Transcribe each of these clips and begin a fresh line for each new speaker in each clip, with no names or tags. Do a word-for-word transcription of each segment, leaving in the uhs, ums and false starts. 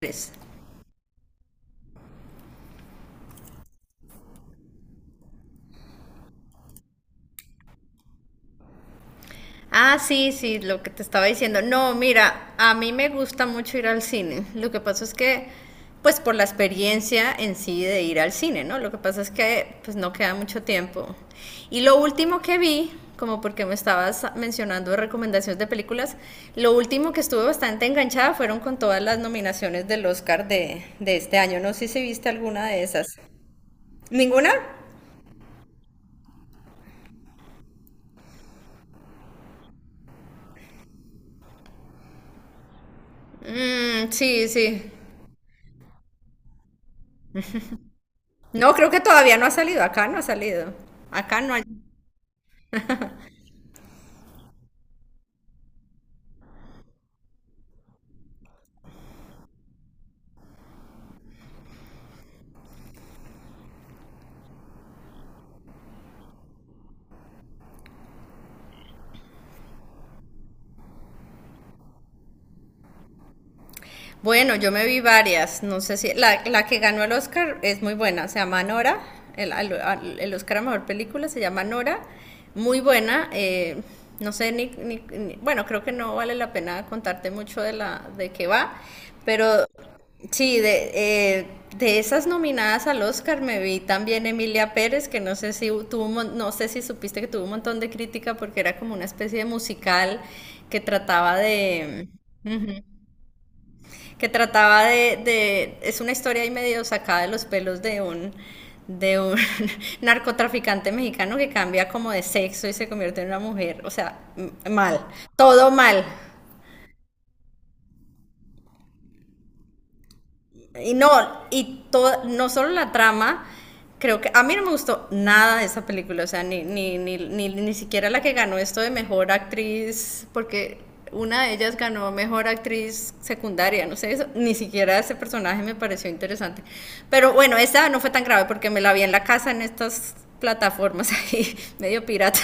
Pues, Ah, sí, sí, lo que te estaba diciendo. No, mira, a mí me gusta mucho ir al cine. Lo que pasa es que, pues por la experiencia en sí de ir al cine, ¿no? Lo que pasa es que, pues no queda mucho tiempo. Y lo último que vi, como porque me estabas mencionando recomendaciones de películas, lo último que estuve bastante enganchada fueron con todas las nominaciones del Oscar de, de este año. No sé si viste alguna de esas. ¿Ninguna? Mm, sí, sí. No, creo que todavía no ha salido. Acá no ha salido. Acá no ha. Bueno, yo me vi varias, no sé si la, la que ganó el Oscar es muy buena, se llama Nora, el, al- el Oscar a Mejor Película se llama Nora, muy buena, eh, no sé, ni, ni- ni- bueno, creo que no vale la pena contarte mucho de, la, de qué va, pero sí, de, eh, de esas nominadas al Oscar me vi también Emilia Pérez, que no sé si tuvo, un mon- no sé si supiste que tuvo un montón de crítica porque era como una especie de musical que trataba de que trataba de, de, es una historia ahí medio sacada de los pelos de un de un narcotraficante mexicano que cambia como de sexo y se convierte en una mujer, o sea, mal, todo mal. Y no, y todo, no solo la trama, creo que a mí no me gustó nada de esa película, o sea, ni, ni, ni, ni, ni siquiera la que ganó esto de mejor actriz, porque una de ellas ganó mejor actriz secundaria, no sé, eso, ni siquiera ese personaje me pareció interesante. Pero bueno, esta no fue tan grave porque me la vi en la casa en estas plataformas ahí, medio pirata.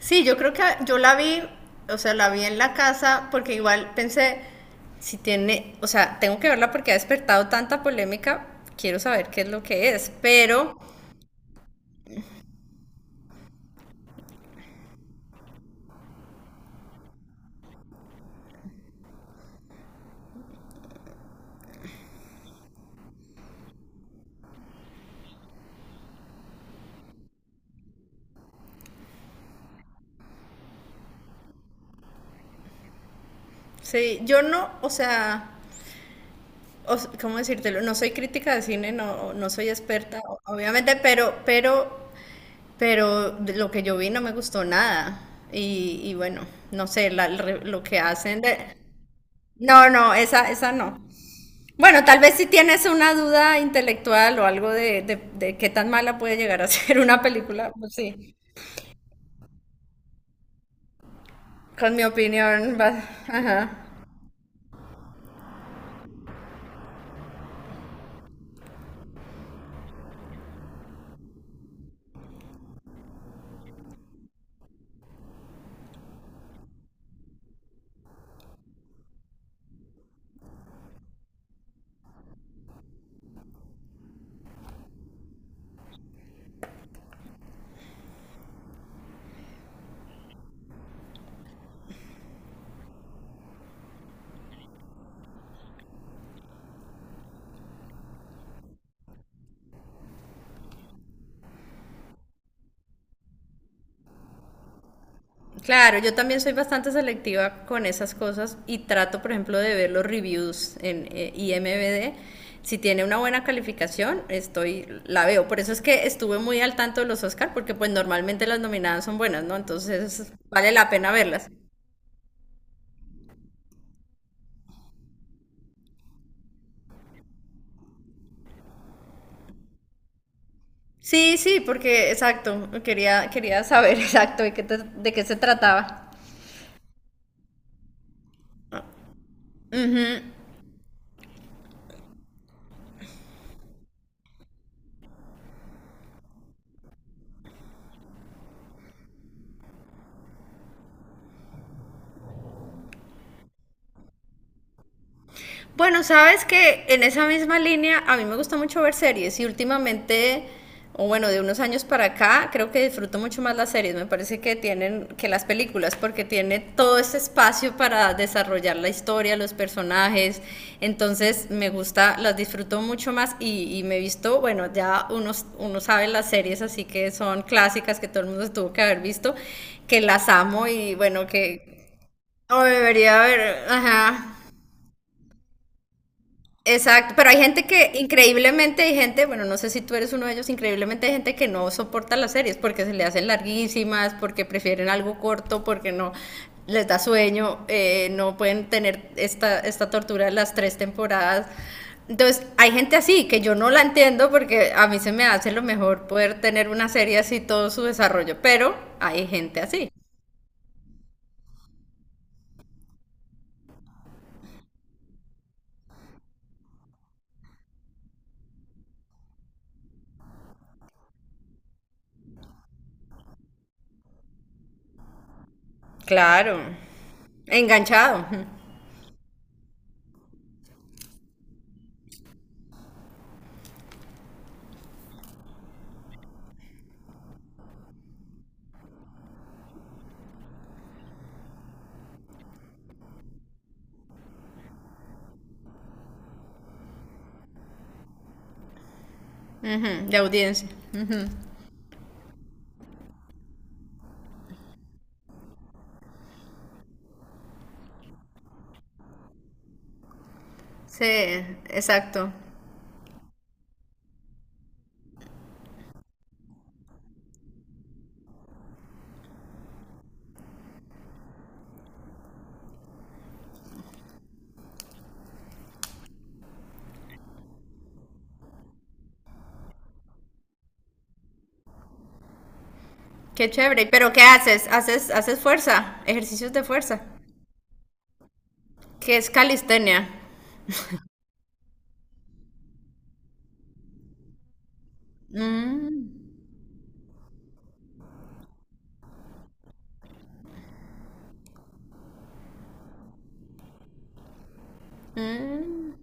Sí, yo creo que yo la vi, o sea, la vi en la casa porque igual pensé, si tiene, o sea, tengo que verla porque ha despertado tanta polémica, quiero saber qué es lo que es, pero sí, yo no, o sea, o s- ¿cómo decírtelo? No soy crítica de cine, no, no soy experta, o- obviamente, pero, pero, pero de lo que yo vi no me gustó nada. Y, y bueno, no sé, la- el re- lo que hacen de... No, no, esa, esa no. Bueno, tal vez si tienes una duda intelectual o algo de, de- de qué tan mala puede llegar a ser una película, pues sí, con mi opinión, va- ajá. Claro, yo también soy bastante selectiva con esas cosas y trato, por ejemplo, de ver los reviews en eh, IMDb. Si tiene una buena calificación, estoy, la veo. Por eso es que estuve muy al tanto de los Oscar, porque pues normalmente las nominadas son buenas, ¿no? Entonces vale la pena verlas. Sí, sí, porque exacto, quería, quería saber exacto de qué, te- de qué se trataba. Bueno, sabes que en esa misma línea a mí me gusta mucho ver series y últimamente, o bueno, de unos años para acá, creo que disfruto mucho más las series. Me parece que tienen que las películas porque tiene todo este espacio para desarrollar la historia, los personajes. Entonces me gusta, las disfruto mucho más y, y me he visto, bueno, ya uno, uno sabe las series, así que son clásicas que todo el mundo tuvo que haber visto, que las amo y bueno, que oh, debería haber, ajá. Exacto, pero hay gente que, increíblemente hay gente, bueno, no sé si tú eres uno de ellos, increíblemente hay gente que no soporta las series porque se le hacen larguísimas, porque prefieren algo corto, porque no les da sueño, eh, no pueden tener esta, esta tortura de las tres temporadas. Entonces, hay gente así que yo no la entiendo porque a mí se me hace lo mejor poder tener una serie así todo su desarrollo, pero hay gente así. Claro, enganchado, ujú, de audiencia. Sí, exacto. Qué chévere. ¿Pero qué haces? ¿Haces, haces fuerza? Ejercicios de fuerza. ¿Qué es calistenia? Mm, mm.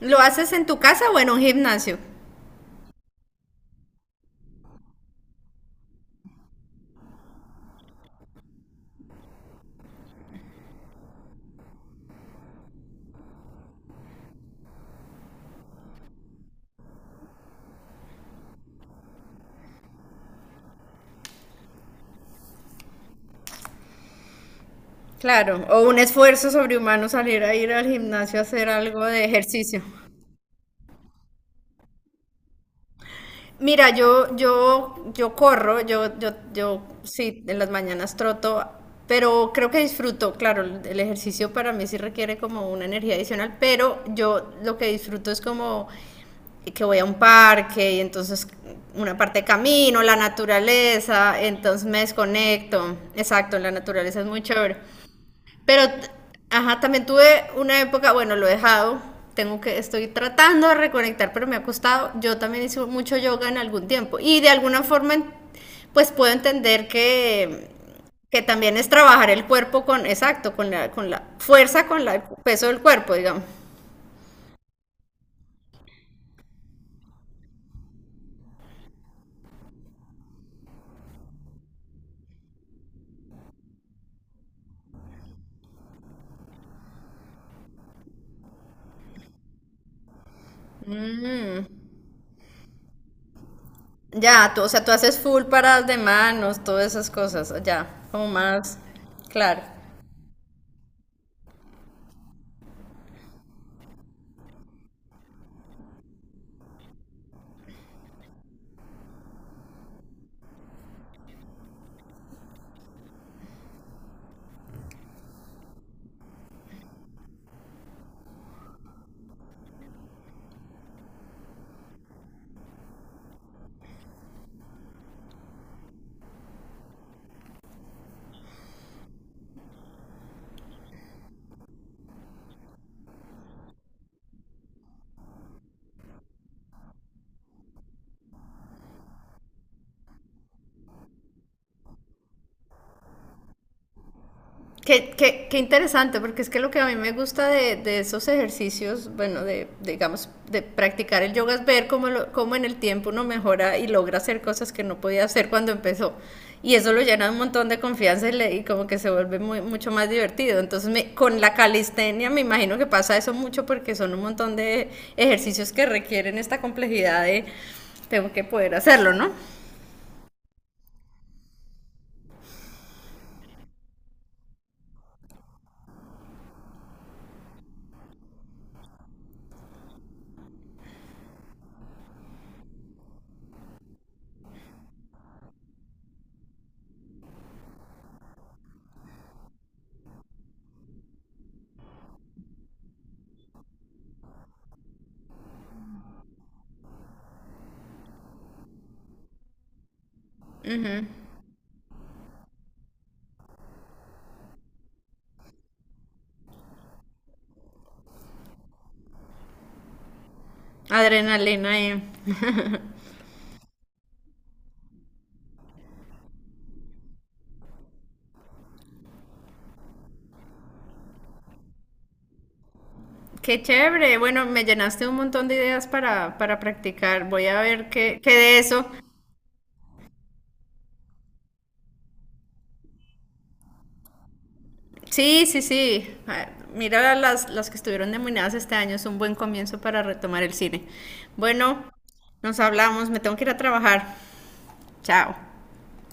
¿Lo haces en tu casa o en un gimnasio? Claro. O un esfuerzo sobrehumano salir a ir al gimnasio a hacer algo de ejercicio. Mira, yo, yo, yo corro, yo, yo, yo sí, en las mañanas troto, pero creo que disfruto, claro, el el ejercicio para mí sí requiere como una energía adicional, pero yo lo que disfruto es como que voy a un parque y entonces una parte de camino, la naturaleza, entonces me desconecto, exacto, la naturaleza es muy chévere. Pero, ajá, también tuve una época, bueno, lo he dejado, tengo que, estoy tratando de reconectar, pero me ha costado. Yo también hice mucho yoga en algún tiempo y de alguna forma, en- pues puedo entender que, que también es trabajar el cuerpo con, exacto, con la, con la fuerza, con la- el peso del cuerpo, digamos. Mm, ya, tú, o sea, tú haces full paradas de manos, todas esas cosas, ya, como más, claro. Qué, qué, qué interesante, porque es que lo que a mí me gusta de, de esos ejercicios, bueno, de, de, digamos, de practicar el yoga es ver cómo, lo, cómo en el tiempo uno mejora y logra hacer cosas que no podía hacer cuando empezó. Y eso lo llena de un montón de confianza y, le, y como que se vuelve muy, mucho más divertido. Entonces, me, con la calistenia me imagino que pasa eso mucho porque son un montón de ejercicios que requieren esta complejidad de tengo que poder hacerlo, ¿no? Adrenalina y... Qué chévere. Bueno, me llenaste un montón de ideas para, para practicar. Voy a ver qué, qué de eso. Sí, sí, sí. Ah, mira las, las que estuvieron nominadas este año. Es un buen comienzo para retomar el cine. Bueno, nos hablamos. Me tengo que ir a trabajar. Chao.